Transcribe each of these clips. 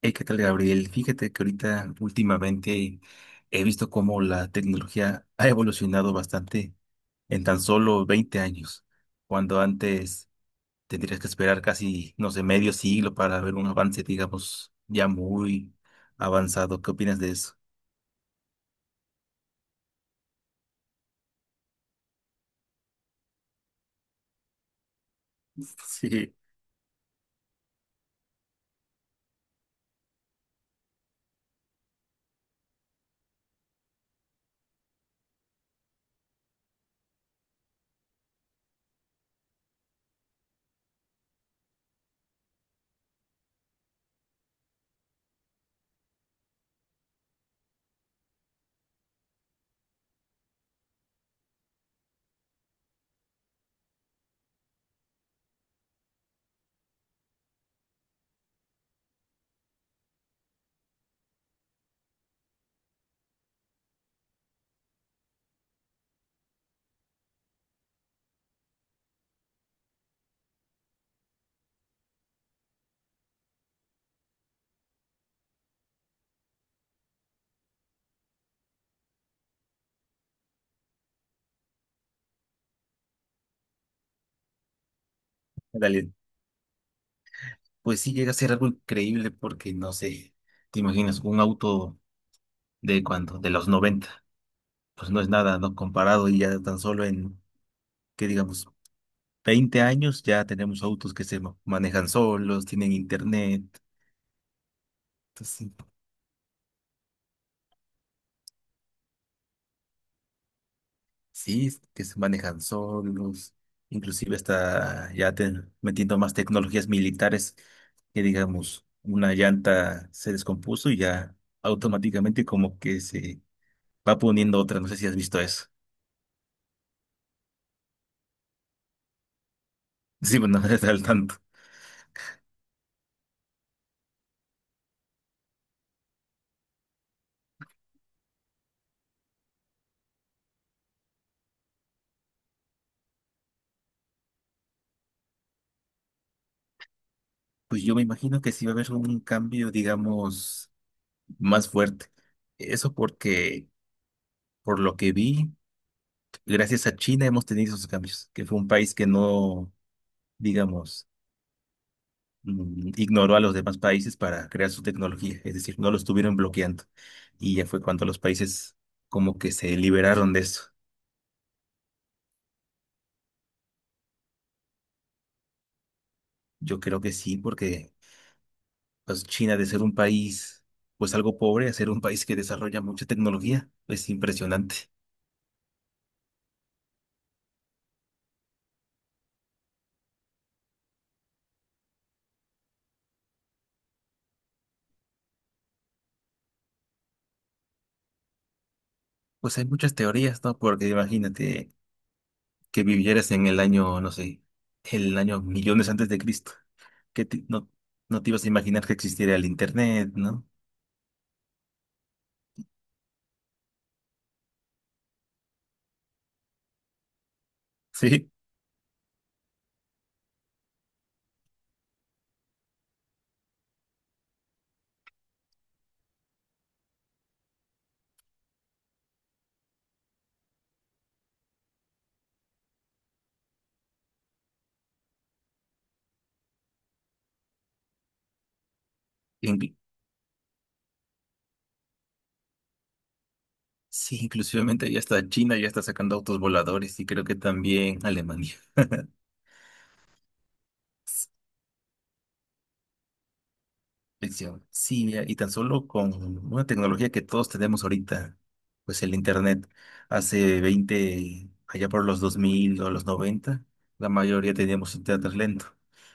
Hey, ¿qué tal, Gabriel? Fíjate que ahorita últimamente he visto cómo la tecnología ha evolucionado bastante en tan solo 20 años, cuando antes tendrías que esperar casi, no sé, medio siglo para ver un avance, digamos, ya muy avanzado. ¿Qué opinas de eso? Sí, dale. Pues sí llega a ser algo increíble porque, no sé, te imaginas un auto de cuando, de los 90, pues no es nada, ¿no? Comparado y ya tan solo en, ¿que digamos? 20 años ya tenemos autos que manejan solos, tienen internet. Entonces, sí, es que se manejan solos, inclusive está metiendo más tecnologías militares. Que digamos, una llanta se descompuso y ya automáticamente como que se va poniendo otra, no sé si has visto eso. sí, bueno, no estás al tanto. Pues yo me imagino que sí va a haber un cambio, digamos, más fuerte. Eso porque, por lo que vi, gracias a China hemos tenido esos cambios, que fue un país que no, digamos, ignoró a los demás países para crear su tecnología, es decir, no lo estuvieron bloqueando. Y ya fue cuando los países como que se liberaron de eso. Yo creo que sí, porque pues China, de ser un país pues algo pobre, a ser un país que desarrolla mucha tecnología, es impresionante. Pues hay muchas teorías, ¿no? Porque imagínate que vivieras en el año, no sé, el año millones antes de Cristo, que no, no te ibas a imaginar que existiera el Internet, ¿no? Sí, inclu- sí, inclusivamente ya está China, ya está sacando autos voladores y creo que también Alemania. Lección. Sí, mira, y tan solo con una tecnología que todos tenemos ahorita, pues el Internet, hace 20, allá por los 2000 o los 90, la mayoría teníamos Internet lento.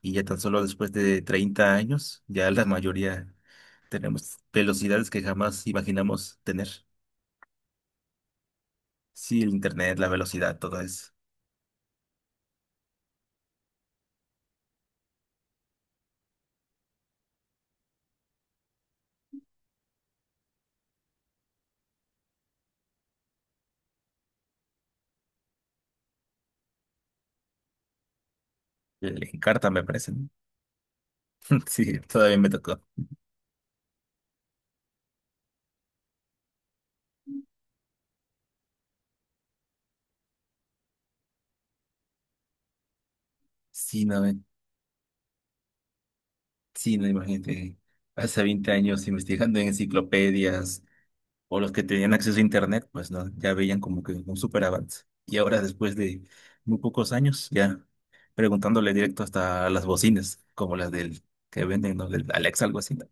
Y ya tan solo después de 30 años, ya la mayoría tenemos velocidades que jamás imaginamos tener. Sí, el internet, la velocidad, todo eso. El Encarta me parece, ¿no? Sí, todavía me tocó. Sí, no, sí, no, imagínate. Hace 20 años investigando en enciclopedias o los que tenían acceso a internet, pues no, ya veían como que un súper avance. Y ahora, después de muy pocos años, ya preguntándole directo hasta a las bocinas, como las del que venden, ¿no? Del Alexa, algo así, ¿no?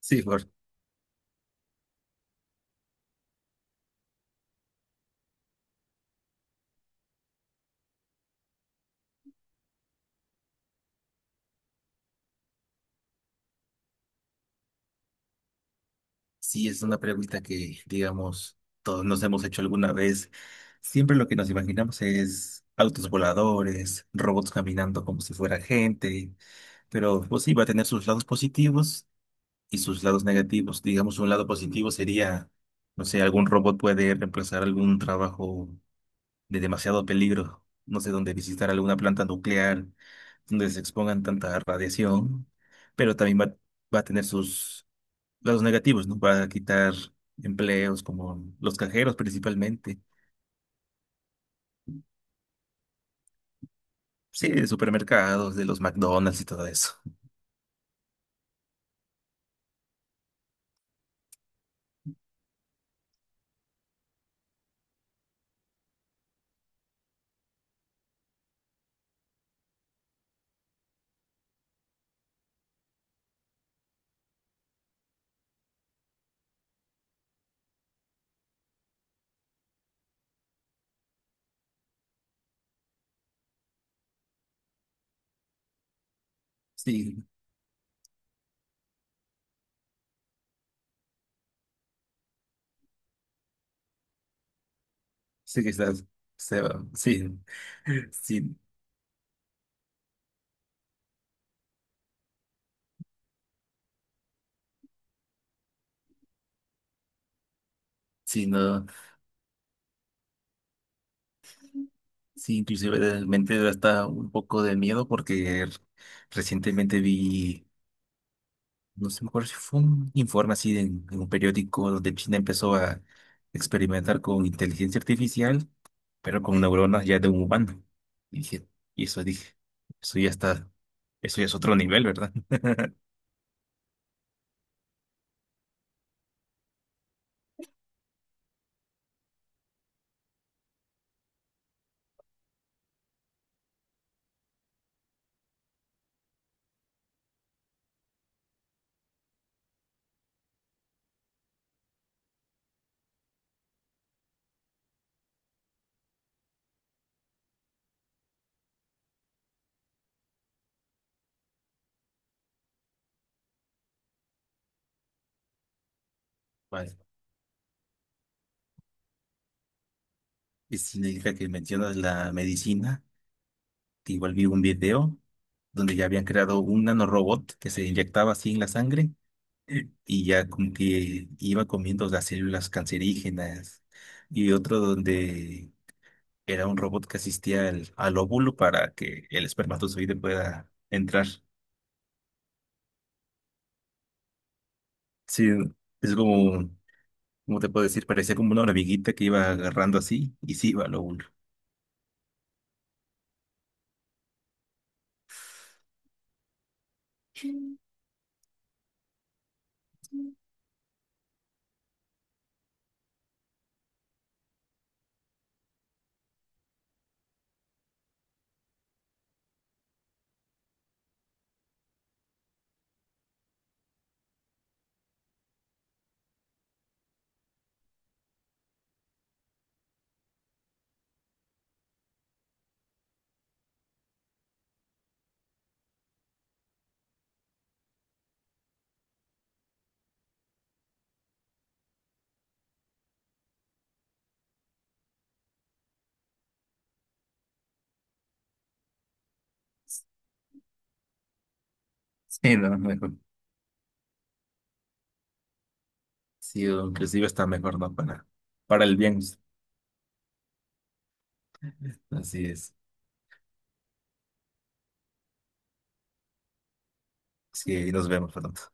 Sí, por. Sí, es una pregunta que, digamos, todos nos hemos hecho alguna vez. Siempre lo que nos imaginamos es autos voladores, robots caminando como si fuera gente, pero pues sí, va a tener sus lados positivos y sus lados negativos. Digamos, un lado positivo sería, no sé, algún robot puede reemplazar algún trabajo de demasiado peligro, no sé, donde visitar alguna planta nuclear, donde se expongan tanta radiación, pero también va a tener sus los negativos, ¿no? Va a quitar empleos como los cajeros principalmente. Sí, de supermercados, de los McDonald's y todo eso. Sí, sí que estás, se va, sí, sí, sí, no, sí, inclusive realmente da hasta un poco de miedo porque recientemente vi, no sé, me acuerdo si fue un informe así de, en un periódico donde China empezó a experimentar con inteligencia artificial, pero con neuronas ya de un humano. Y dije, y eso dije, eso ya está, eso ya es otro nivel, ¿verdad? Vale. Y significa que mencionas la medicina, que igual vi un video donde ya habían creado un nanorobot que se inyectaba así en la sangre y ya como que iba comiendo las células cancerígenas. Y otro donde era un robot que asistía al óvulo para que el espermatozoide pueda entrar. Sí, es como, ¿cómo te puedo decir? Parecía como una hormiguita que iba agarrando así y sí iba al óvulo. Sí, no, mejor. Sí, o inclusive está mejor, ¿no? para, el bien. Así es. Sí, nos vemos pronto.